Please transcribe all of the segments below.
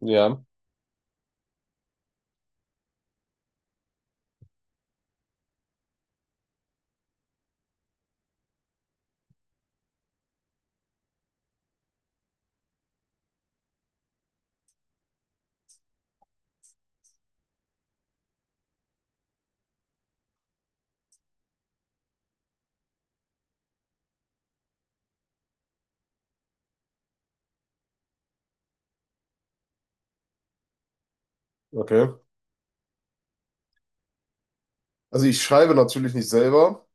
Ja, okay. Also ich schreibe natürlich nicht selber.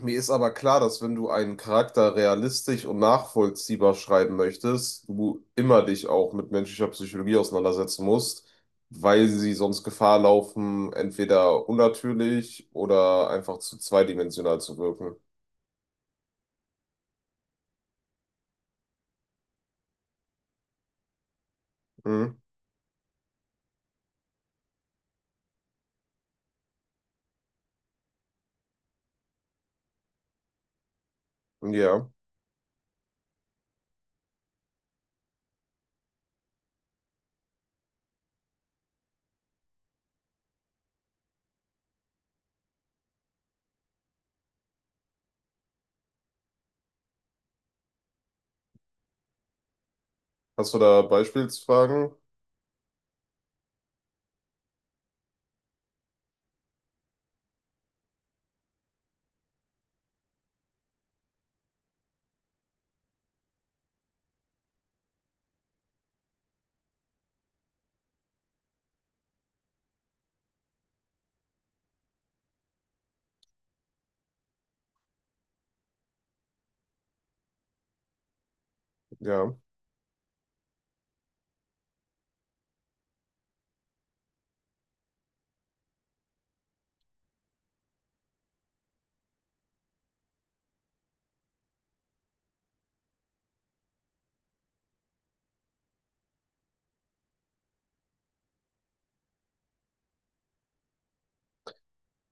Mir ist aber klar, dass wenn du einen Charakter realistisch und nachvollziehbar schreiben möchtest, du immer dich auch mit menschlicher Psychologie auseinandersetzen musst, weil sie sonst Gefahr laufen, entweder unnatürlich oder einfach zu zweidimensional zu wirken. Mhm. Ja. Hast du da Beispielsfragen? Ja.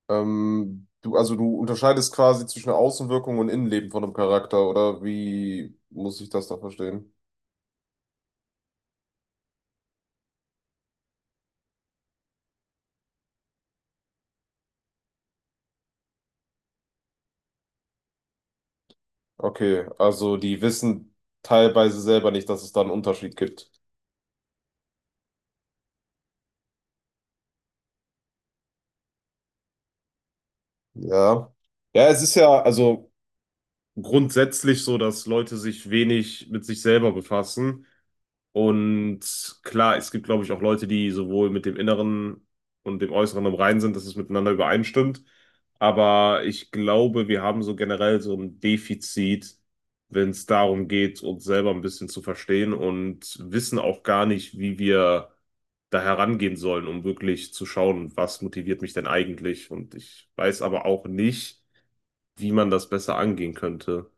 Also du unterscheidest quasi zwischen Außenwirkung und Innenleben von einem Charakter, oder wie muss ich das da verstehen? Okay, also die wissen teilweise selber nicht, dass es da einen Unterschied gibt. Ja. Ja, es ist ja also grundsätzlich so, dass Leute sich wenig mit sich selber befassen. Und klar, es gibt, glaube ich, auch Leute, die sowohl mit dem Inneren und dem Äußeren im Reinen sind, dass es miteinander übereinstimmt. Aber ich glaube, wir haben so generell so ein Defizit, wenn es darum geht, uns selber ein bisschen zu verstehen und wissen auch gar nicht, wie wir da herangehen sollen, um wirklich zu schauen, was motiviert mich denn eigentlich. Und ich weiß aber auch nicht, wie man das besser angehen könnte.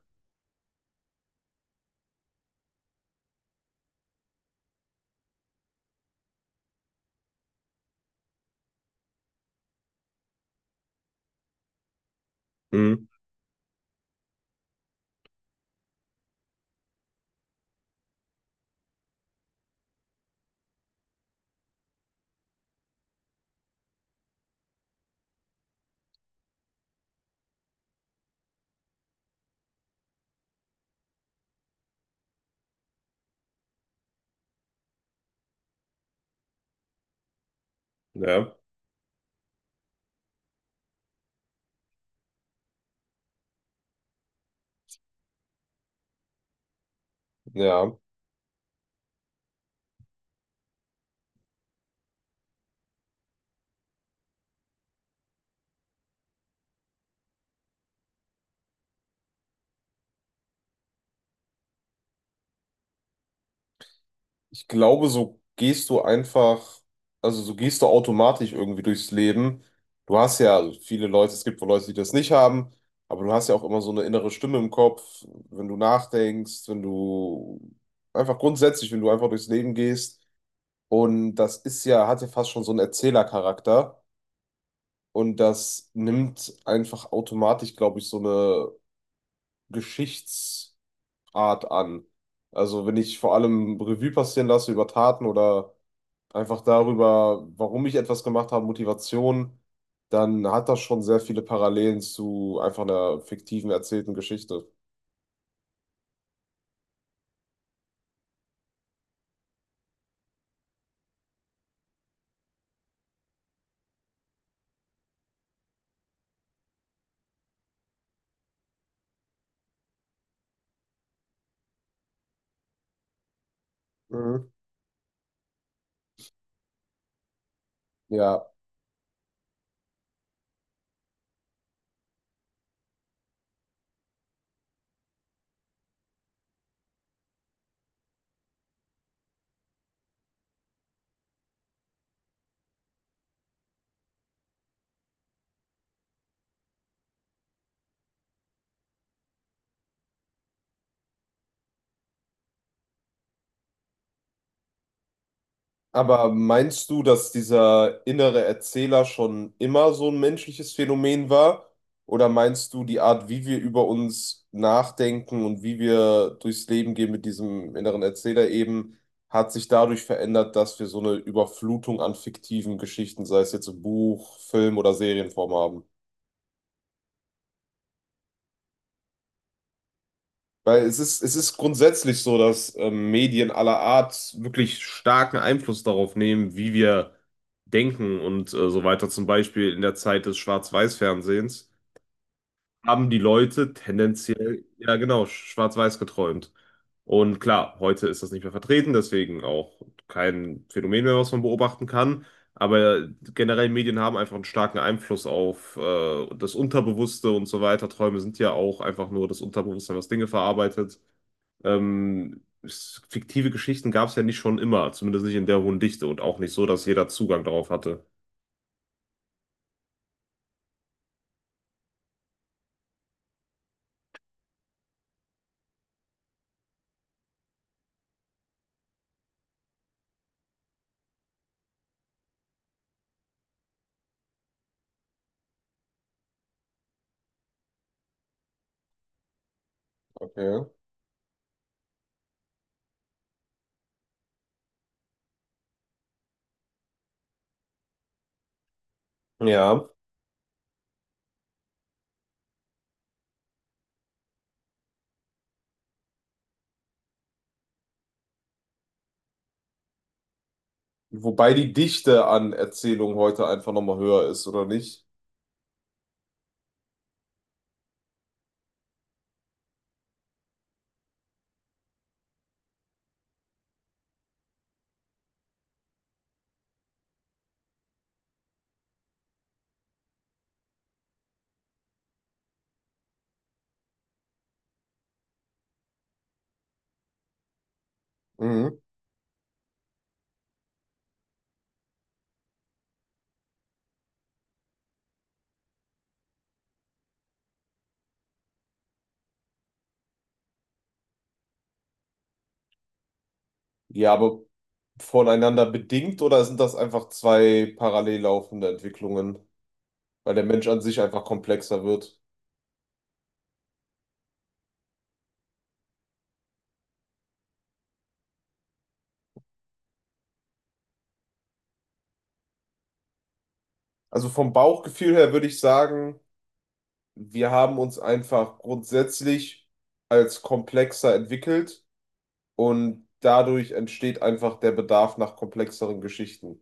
Hm. Ja. Ja. Ich glaube, so gehst du einfach, also so gehst du automatisch irgendwie durchs Leben. Du hast ja, also viele Leute, es gibt wohl Leute, die das nicht haben, aber du hast ja auch immer so eine innere Stimme im Kopf, wenn du nachdenkst, wenn du einfach grundsätzlich, wenn du einfach durchs Leben gehst. Und das ist ja, hat ja fast schon so einen Erzählercharakter. Und das nimmt einfach automatisch, glaube ich, so eine Geschichtsart an. Also wenn ich vor allem Revue passieren lasse über Taten oder einfach darüber, warum ich etwas gemacht habe, Motivation, dann hat das schon sehr viele Parallelen zu einfach einer fiktiven erzählten Geschichte. Mhm. Ja, aber meinst du, dass dieser innere Erzähler schon immer so ein menschliches Phänomen war? Oder meinst du, die Art, wie wir über uns nachdenken und wie wir durchs Leben gehen mit diesem inneren Erzähler eben, hat sich dadurch verändert, dass wir so eine Überflutung an fiktiven Geschichten, sei es jetzt im Buch, Film oder Serienform haben? Weil es ist grundsätzlich so, dass Medien aller Art wirklich starken Einfluss darauf nehmen, wie wir denken und so weiter. Zum Beispiel in der Zeit des Schwarz-Weiß-Fernsehens haben die Leute tendenziell, ja genau, schwarz-weiß geträumt. Und klar, heute ist das nicht mehr vertreten, deswegen auch kein Phänomen mehr, was man beobachten kann. Aber generell Medien haben einfach einen starken Einfluss auf das Unterbewusste und so weiter. Träume sind ja auch einfach nur das Unterbewusstsein, was Dinge verarbeitet. Fiktive Geschichten gab es ja nicht schon immer, zumindest nicht in der hohen Dichte und auch nicht so, dass jeder Zugang darauf hatte. Okay. Ja. Wobei die Dichte an Erzählungen heute einfach nochmal höher ist, oder nicht? Mhm. Ja, aber voneinander bedingt oder sind das einfach zwei parallel laufende Entwicklungen? Weil der Mensch an sich einfach komplexer wird. Also vom Bauchgefühl her würde ich sagen, wir haben uns einfach grundsätzlich als komplexer entwickelt. Und dadurch entsteht einfach der Bedarf nach komplexeren Geschichten.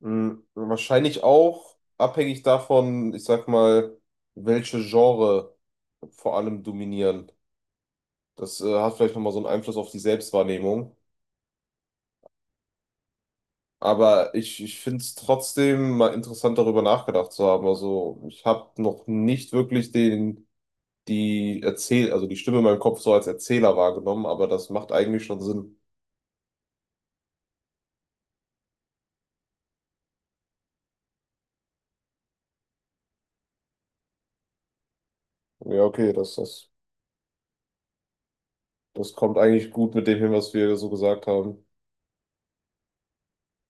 Mhm. Wahrscheinlich auch abhängig davon, ich sag mal, welche Genre vor allem dominieren. Das hat vielleicht nochmal so einen Einfluss auf die Selbstwahrnehmung. Aber ich finde es trotzdem mal interessant, darüber nachgedacht zu haben. Also ich habe noch nicht wirklich also die Stimme in meinem Kopf so als Erzähler wahrgenommen, aber das macht eigentlich schon Sinn. Ja, okay, das Das kommt eigentlich gut mit dem hin, was wir so gesagt haben.